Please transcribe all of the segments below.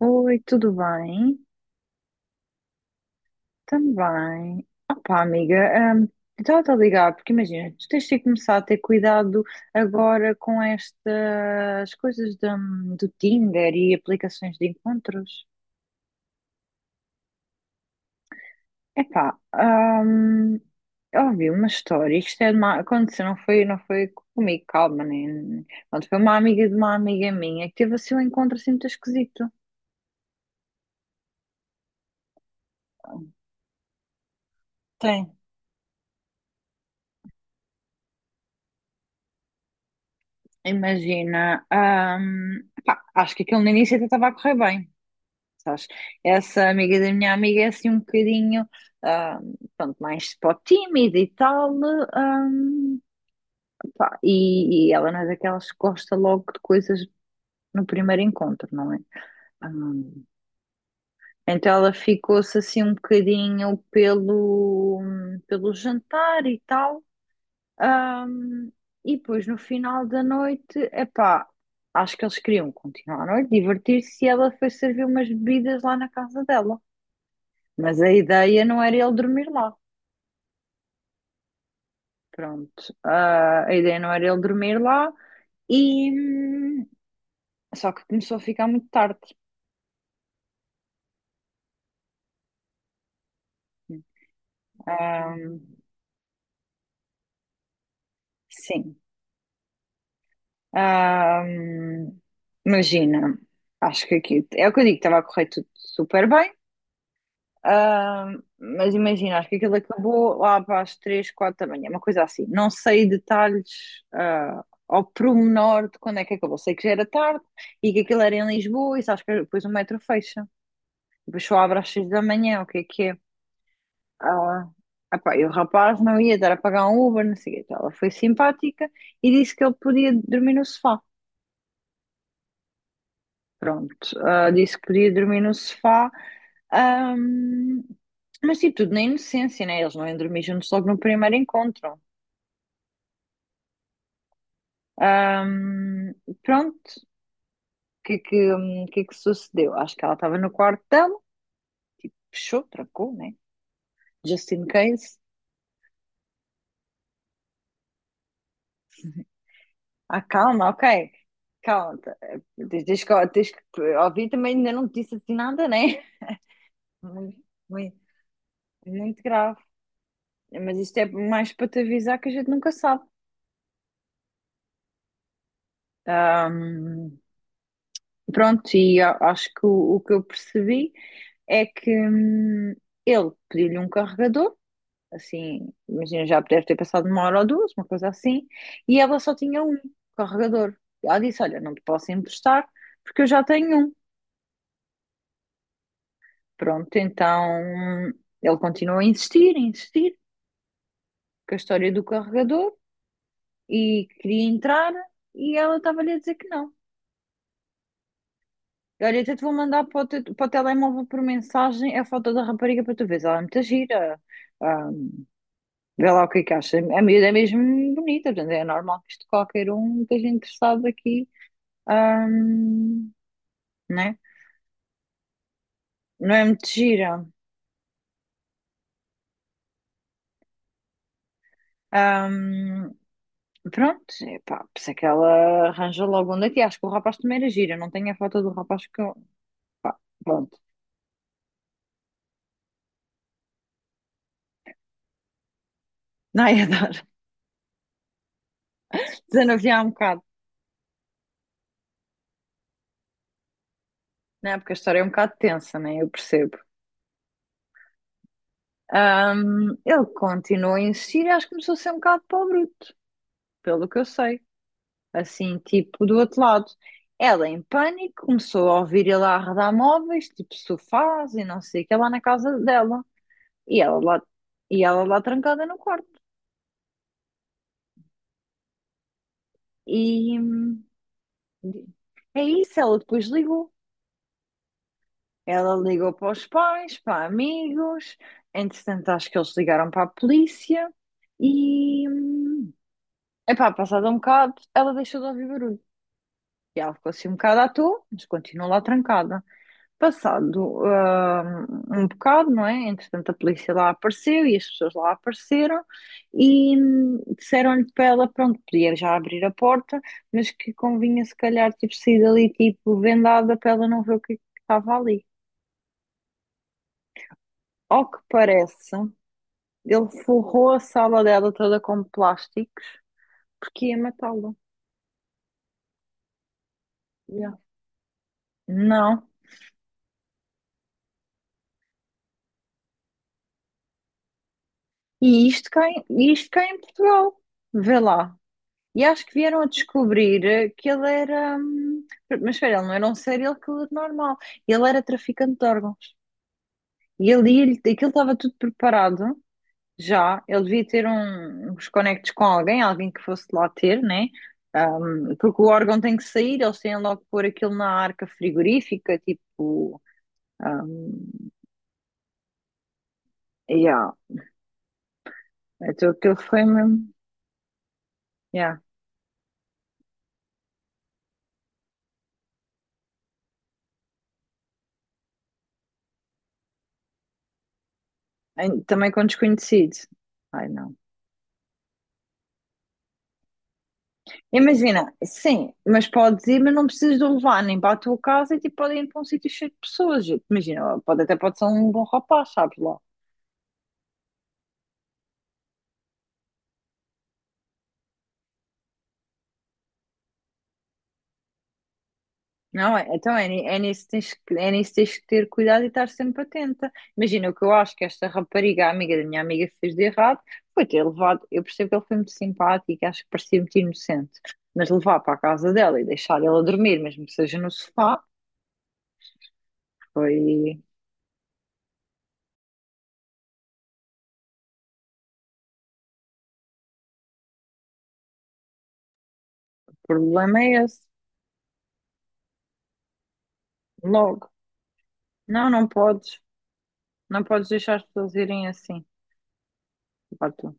Oi, tudo bem? Também. Opá, amiga, hum, eu estava a ligar, porque imagina, tu tens de começar a ter cuidado agora com estas coisas do Tinder e aplicações de encontros. Epá, eu ouvi uma história, isto é de uma, aconteceu, não foi comigo, calma, nem, pronto, foi uma amiga de uma amiga minha que teve assim um encontro assim muito esquisito. Tem. Imagina, pá, acho que aquilo no início até estava a correr bem. Sabes? Essa amiga da minha amiga é assim um bocadinho, ah, pronto, mais pó tímida e tal, né, ah, pá, e ela não é daquelas que gosta logo de coisas no primeiro encontro, não é? Ah, então ela ficou-se assim um bocadinho pelo jantar e tal, ah, e depois no final da noite, epá, acho que eles queriam continuar a noite, divertir-se, e ela foi servir umas bebidas lá na casa dela. Mas a ideia não era ele dormir lá. Pronto. A ideia não era ele dormir lá e só que começou a ficar muito tarde, tipo. Ah, sim. Ah, hum, imagina, acho que aqui é o que eu digo, estava a correr tudo super bem. Ah, mas imagina, acho que aquilo acabou lá para as 3 4 da manhã, uma coisa assim. Não sei detalhes, ao pormenor de quando é que acabou. Sei que já era tarde e que aquilo era em Lisboa, e sabes que depois o metro fecha. Depois só abre às 6 da manhã, o que é que é? Ela, epá, e o rapaz não ia dar a pagar um Uber, não sei o quê. Então, ela foi simpática e disse que ele podia dormir no sofá. Pronto, disse que podia dormir no sofá. Ahm, mas tipo, tudo na inocência, né? Eles não iam dormir juntos logo no primeiro encontro. Ahm, pronto, o que é que sucedeu? Acho que ela estava no quarto dela, fechou, trancou, né? Just in case. Calma, ok. Calma, tá, tens que ouvir também, ainda não te disse assim nada, né? Muito, muito, muito grave. Mas isto é mais para te avisar que a gente nunca sabe. Ahm, pronto, e acho que o que eu percebi é que ele pediu-lhe um carregador, assim, imagina, já deve ter passado uma hora ou duas, uma coisa assim, e ela só tinha um carregador. Ela disse: olha, não te posso emprestar porque eu já tenho um. Pronto, então ele continuou a insistir, com a história do carregador. E queria entrar e ela estava-lhe a dizer que não. Olha, até te vou mandar para o telemóvel por mensagem a foto da rapariga para tu veres. Ela é muito gira. Ah, Vê lá o que é que acha. A miúda é mesmo bonita, portanto é normal que isto qualquer um esteja interessado aqui. Ah, né? Não é muito gira. Ah, Pronto, epá, por isso é que ela arranja logo um daqui. Acho que o rapaz também era gira. Não tenho a foto do rapaz que eu... Pronto, não ia dar. Desanuviar um bocado. Né, porque a história é um bocado tensa, né? Eu percebo. Ele continuou a insistir e acho que começou a ser um bocado para o bruto, pelo que eu sei. Assim, tipo, do outro lado. Ela, em pânico, começou a ouvir ele a arredar móveis, tipo sofás e não sei o que, lá na casa dela. E ela lá, e ela lá trancada no quarto. E é isso, ela depois ligou. Ela ligou para os pais, para amigos, entretanto, acho que eles ligaram para a polícia e. hum, Epá, passado um bocado, ela deixou de ouvir barulho. E ela ficou assim um bocado à toa, mas continuou lá trancada. Passado um bocado, não é? Entretanto, a polícia lá apareceu e as pessoas lá apareceram e disseram-lhe para ela, pronto, podia já abrir a porta, mas que convinha se calhar tipo, sair dali tipo vendada para ela não ver o que é que estava ali. Ao que parece, ele forrou a sala dela toda com plásticos porque ia matá-la. Yeah. Não. E isto cá, e isto cá em Portugal, vê lá. E acho que vieram a descobrir, que ele era. Mas espera, ele não era um serial killer normal. Ele era traficante de órgãos. E ele, aquilo estava tudo preparado já. Ele devia ter uns conectos com alguém, alguém que fosse lá ter, né? Porque o órgão tem que sair, eles têm logo que pôr aquilo na arca frigorífica, tipo. hum, yeah. Então aquilo foi mesmo. Yeah. Também com desconhecido. Ai, não. Imagina, sim, mas podes ir, mas não precisas de o levar nem para a tua casa e tipo, podem ir para um sítio cheio de pessoas. Imagina, pode até pode ser um bom rapaz, sabes lá. Não é? Então é, é nisso que tens que, é nisso que tens que ter cuidado e estar sempre atenta. Imagina, o que eu acho que esta rapariga, a amiga da minha amiga, fez de errado foi ter levado. Eu percebo que ele foi muito simpático e acho que parecia muito inocente, mas levar para a casa dela e deixar ela dormir, mesmo que seja no sofá, foi. O problema é esse, logo. Não, não podes. Não podes deixar as pessoas irem assim. Pá, tu.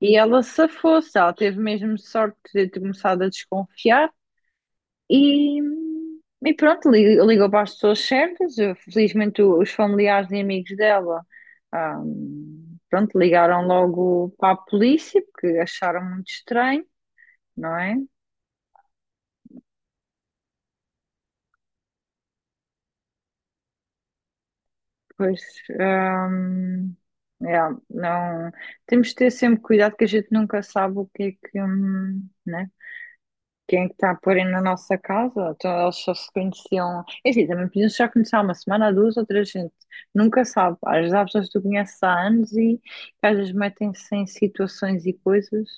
E ela se fosse, ela teve mesmo sorte de ter começado a desconfiar e, e pronto, ligou para as pessoas certas. Eu, felizmente, os familiares e amigos dela, ah, pronto, ligaram logo para a polícia porque acharam muito estranho, não é? Pois, ah, é, não, temos de ter sempre cuidado que a gente nunca sabe o que é que, né? Quem é que está a pôr aí na nossa casa? Então eles só se conheciam. Enfim, também podiam já começar uma semana, duas ou três, gente. Nunca sabe. Às vezes há pessoas que tu conheces há anos e que às vezes metem-se em situações e coisas.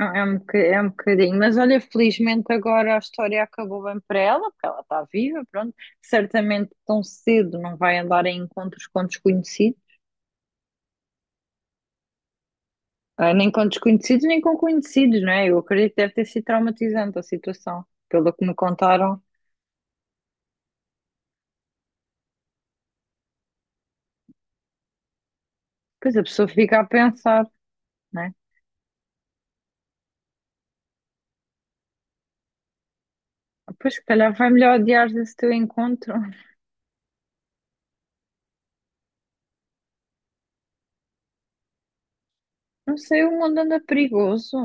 É é um bocadinho. Mas olha, felizmente agora a história acabou bem para ela, porque ela está viva, pronto. Certamente tão cedo não vai andar em encontros com desconhecidos. Nem com desconhecidos, nem com conhecidos, não é? Eu acredito que deve ter sido traumatizante a situação, pelo que me contaram. Pois a pessoa fica a pensar, né? Pois, se calhar vai melhor adiar esse teu encontro. Não sei, o mundo anda perigoso.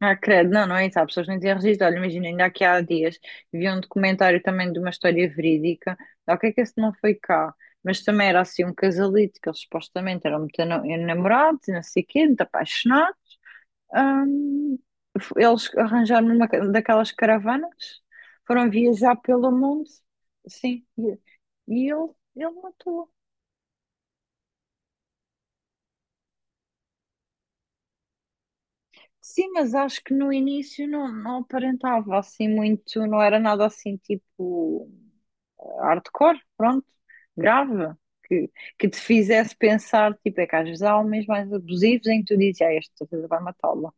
Ah, credo, não, não é isso. Há pessoas que não têm registro. Olha, imagina, ainda aqui há dias vi um documentário também de uma história verídica. O que é que esse não foi cá? Mas também era assim um casalito que eles supostamente eram muito namorados, e não sei o quê, muito apaixonados. Ahm, eles arranjaram uma daquelas caravanas, foram viajar pelo mundo. Sim, e ele, ele matou. Sim, mas acho que no início não, não aparentava assim muito, não era nada assim tipo hardcore, pronto, grave, que, que te fizesse pensar, tipo, é que às vezes há homens mais abusivos em que tu dizes, ah, esta coisa vai matá-la.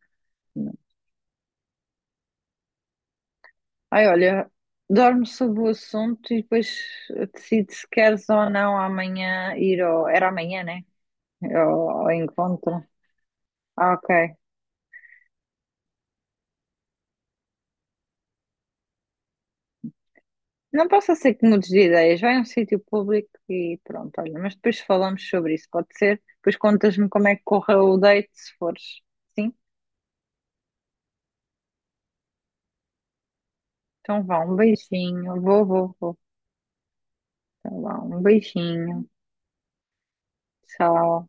Ai, olha, dorme sobre o assunto e depois decide se queres ou não amanhã ir ao, era amanhã, né? Ao encontro. Ah, ok. Não posso ser que mudes de ideias. Vai a um sítio público e pronto, olha. Mas depois falamos sobre isso, pode ser? Depois contas-me como é que correu o date, se fores. Sim? Então vá, um beijinho. Vou, vou, vou. Então vá, um beijinho. Tchau.